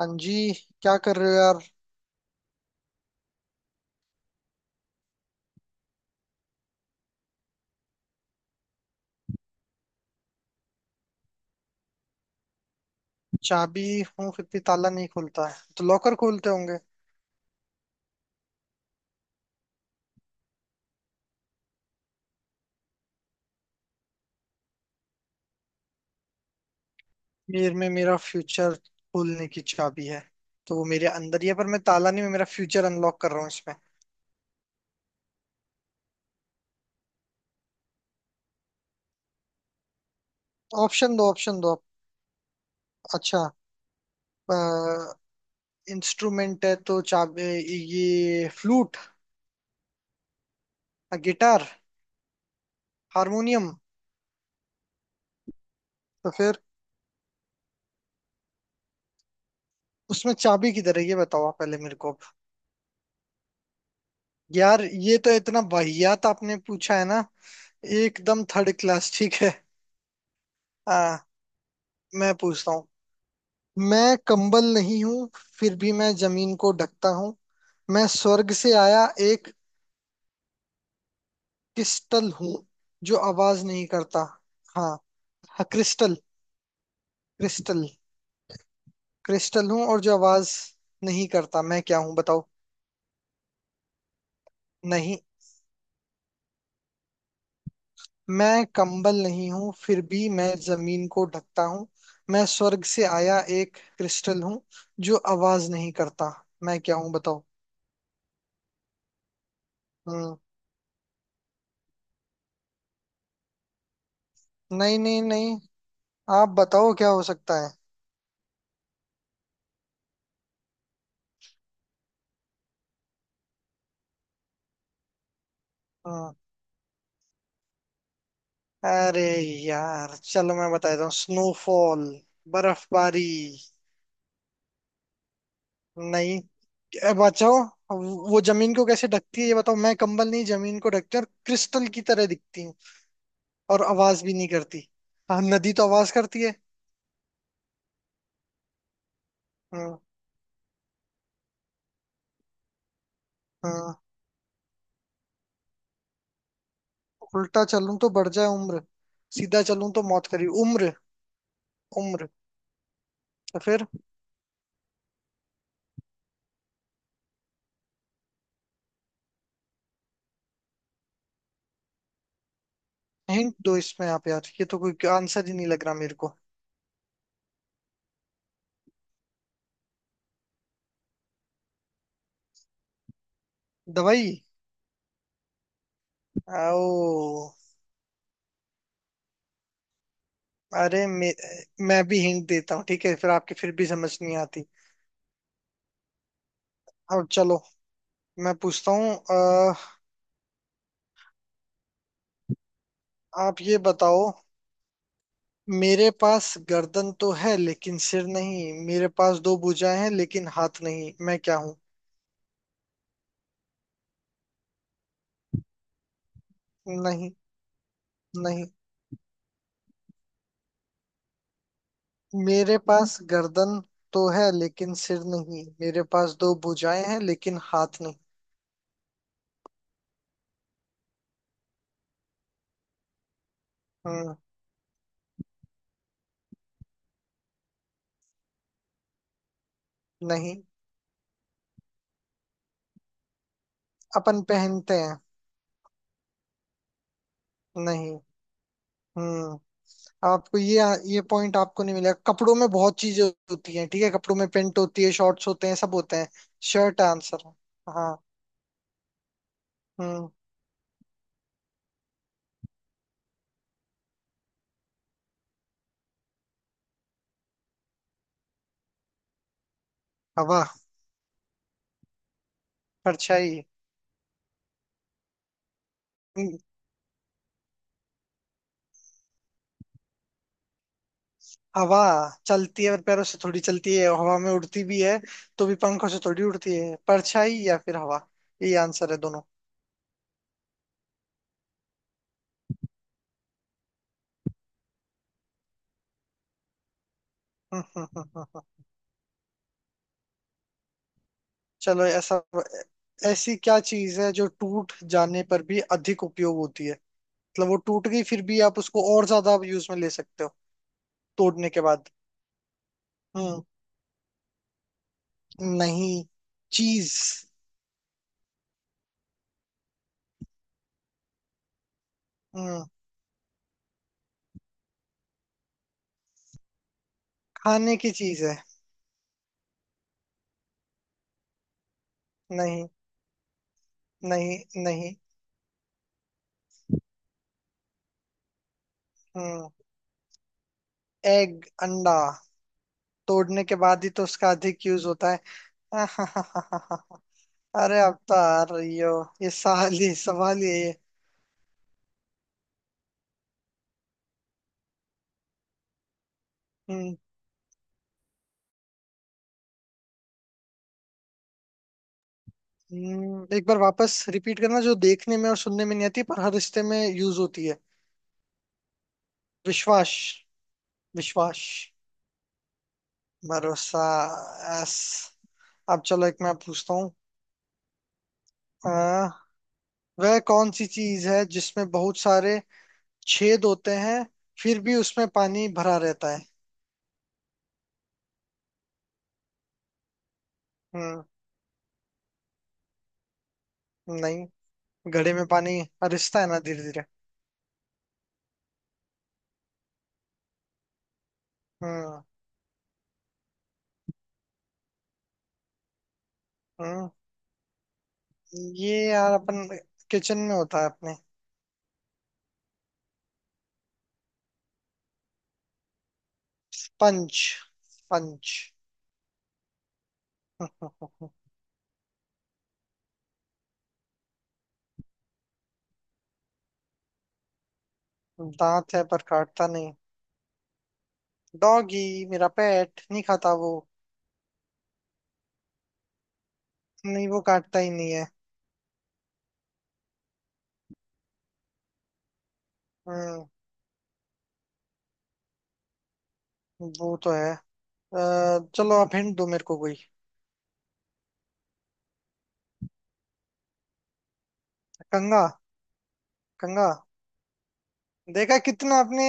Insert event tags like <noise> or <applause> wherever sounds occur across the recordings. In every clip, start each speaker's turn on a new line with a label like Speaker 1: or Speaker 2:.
Speaker 1: हाँ जी। क्या कर रहे हो यार? चाबी हूँ फिर भी ताला नहीं खुलता है तो लॉकर खोलते होंगे। मेरे में मेरा फ्यूचर खोलने की चाबी है, तो वो मेरे अंदर ही है, पर मैं ताला नहीं, मैं मेरा फ्यूचर अनलॉक कर रहा हूँ इसमें। ऑप्शन दो, ऑप्शन दो। अच्छा, इंस्ट्रूमेंट है तो चाबी, ये फ्लूट। गिटार। हारमोनियम। तो फिर उसमें चाबी किधर है ये बताओ आप पहले मेरे को अब। यार ये तो इतना वाहियात आपने पूछा है ना। एकदम थर्ड क्लास। ठीक है। आ, मैं पूछता हूँ। मैं कंबल नहीं हूँ, फिर भी मैं जमीन को ढकता हूँ। मैं स्वर्ग से आया एक क्रिस्टल हूँ जो आवाज नहीं करता। हाँ। हाँ क्रिस्टल। क्रिस्टल। क्रिस्टल हूँ और जो आवाज नहीं करता, मैं क्या हूँ बताओ? नहीं। मैं कंबल नहीं हूँ फिर भी मैं जमीन को ढकता हूँ। मैं स्वर्ग से आया एक क्रिस्टल हूँ जो आवाज नहीं करता। मैं क्या हूँ बताओ? हम्म। नहीं नहीं नहीं, आप बताओ क्या हो सकता है। हम्म, अरे यार चलो मैं बता देता हूँ, स्नोफॉल, बर्फबारी। नहीं, बचाओ। वो जमीन को कैसे ढकती है ये बताओ? मैं कंबल नहीं, जमीन को ढकती हूँ और क्रिस्टल की तरह दिखती हूँ और आवाज भी नहीं करती। हाँ नदी तो आवाज करती है। हाँ। हाँ, उल्टा चलूं तो बढ़ जाए उम्र। सीधा चलूं तो मौत करी उम्र। उम्र। तो फिर हिंट दो इसमें आप, यार ये तो कोई आंसर ही नहीं लग रहा मेरे को। दवाई। आओ। अरे मे, मैं भी हिंट देता हूँ ठीक है, फिर आपकी फिर भी समझ नहीं आती। अब चलो मैं पूछता हूँ। आप ये बताओ, मेरे पास गर्दन तो है लेकिन सिर नहीं, मेरे पास दो भुजाएं हैं लेकिन हाथ नहीं, मैं क्या हूँ? नहीं। नहीं। मेरे पास गर्दन तो है लेकिन सिर नहीं, मेरे पास दो भुजाएं हैं लेकिन हाथ नहीं। हम्म। नहीं। अपन पहनते हैं। नहीं। हम्म। आपको ये पॉइंट आपको नहीं मिलेगा। कपड़ों में बहुत चीजें होती हैं ठीक है। कपड़ों में पेंट होती है, शॉर्ट्स होते हैं, सब होते हैं। शर्ट आंसर है। हाँ। हम्म। हवा। परछाई। हम्म, हवा चलती है और पैरों से थोड़ी चलती है, हवा में उड़ती भी है तो भी पंखों से थोड़ी उड़ती है। परछाई या फिर हवा, ये आंसर है दोनों। हम्म, हम्म, हम्म, हम्म, हम्म। चलो ऐसा, ऐसी क्या चीज है जो टूट जाने पर भी अधिक उपयोग होती है? मतलब वो टूट गई फिर भी आप उसको और ज्यादा यूज में ले सकते हो। तोड़ने के बाद। हम्म। नहीं। चीज। हम्म। खाने की चीज है। नहीं। नहीं। नहीं। हम्म। एग, अंडा, तोड़ने के बाद ही तो उसका अधिक यूज होता है। <laughs> अरे अब तो आ रही हो, ये सवाल ही, सवाल ही है ये। हम्म। एक बार वापस रिपीट करना, जो देखने में और सुनने में नहीं आती पर हर रिश्ते में यूज होती है। विश्वास। विश्वास। भरोसा। एस। अब चलो एक मैं पूछता हूँ। अ, वह कौन सी चीज है जिसमें बहुत सारे छेद होते हैं फिर भी उसमें पानी भरा रहता है? हम्म। नहीं, घड़े में पानी रिसता है ना धीरे धीरे। हम्म। हम्म, ये यार अपन किचन में होता है अपने। Sponge, sponge. <laughs> दांत है पर काटता नहीं। डॉगी मेरा पेट नहीं खाता वो। नहीं, वो काटता ही नहीं है। हम्म। वो तो है, अ, चलो आप हिंट दो मेरे को कोई। कंगा, कंगा। देखा कितना आपने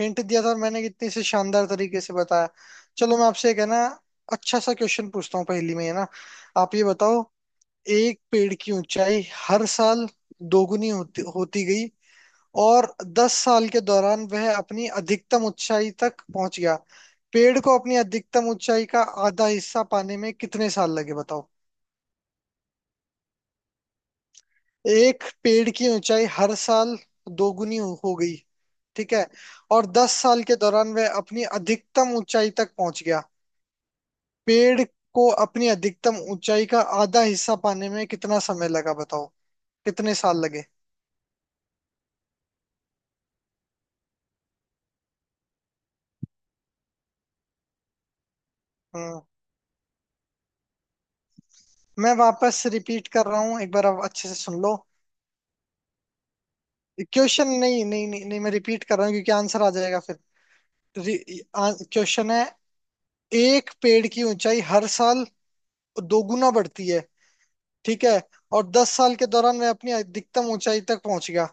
Speaker 1: हिंट दिया था और मैंने कितनी से शानदार तरीके से बताया। चलो मैं आपसे एक है ना अच्छा सा क्वेश्चन पूछता हूँ, पहेली में है ना। आप ये बताओ, एक पेड़ की ऊंचाई हर साल दोगुनी होती होती गई और 10 साल के दौरान वह अपनी अधिकतम ऊंचाई तक पहुंच गया। पेड़ को अपनी अधिकतम ऊंचाई का आधा हिस्सा पाने में कितने साल लगे बताओ? एक पेड़ की ऊंचाई हर साल दोगुनी हो गई। ठीक है। और 10 साल के दौरान वह अपनी अधिकतम ऊंचाई तक पहुंच गया। पेड़ को अपनी अधिकतम ऊंचाई का आधा हिस्सा पाने में कितना समय लगा बताओ, कितने साल लगे? हम्म। मैं वापस रिपीट कर रहा हूँ एक बार, आप अच्छे से सुन लो। क्वेश्चन, नहीं नहीं नहीं, नहीं मैं रिपीट कर रहा हूँ क्योंकि आंसर आ जाएगा फिर। क्वेश्चन है, एक पेड़ की ऊंचाई हर साल दोगुना बढ़ती है ठीक है, और 10 साल के दौरान मैं अपनी अधिकतम ऊंचाई तक पहुंच गया।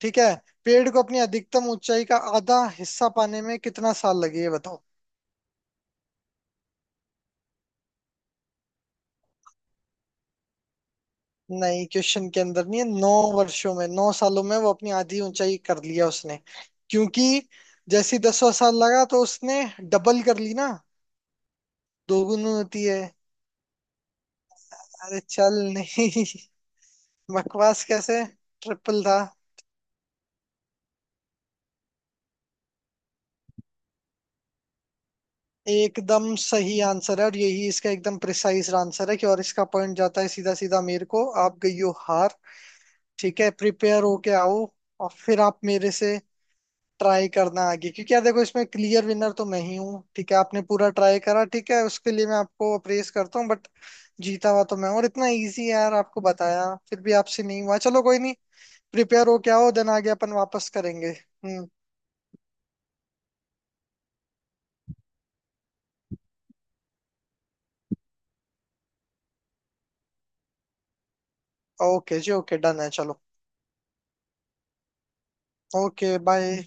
Speaker 1: ठीक है। पेड़ को अपनी अधिकतम ऊंचाई का आधा हिस्सा पाने में कितना साल लगे ये बताओ? नहीं क्वेश्चन के अंदर नहीं है। 9 वर्षों में, 9 सालों में वो अपनी आधी ऊंचाई कर लिया उसने, क्योंकि जैसी 10वां साल लगा तो उसने डबल कर ली ना, दोगुनी होती है। अरे चल नहीं। <laughs> बकवास कैसे? ट्रिपल था। एकदम सही आंसर है और यही इसका एकदम प्रिसाइज आंसर है कि, और इसका पॉइंट जाता है सीधा सीधा मेरे को, आप गई हो हार। ठीक है, प्रिपेयर होके आओ और फिर आप मेरे से ट्राई करना आगे, क्योंकि यार देखो इसमें क्लियर विनर तो मैं ही हूँ। ठीक है आपने पूरा ट्राई करा, ठीक है उसके लिए मैं आपको अप्रेस करता हूँ, बट जीता हुआ तो मैं हूं। और इतना इजी है यार, आपको बताया फिर भी आपसे नहीं हुआ। चलो कोई नहीं, प्रिपेयर होके आओ देन आगे अपन वापस करेंगे। हम्म। ओके जी, ओके, डन है। चलो ओके बाय।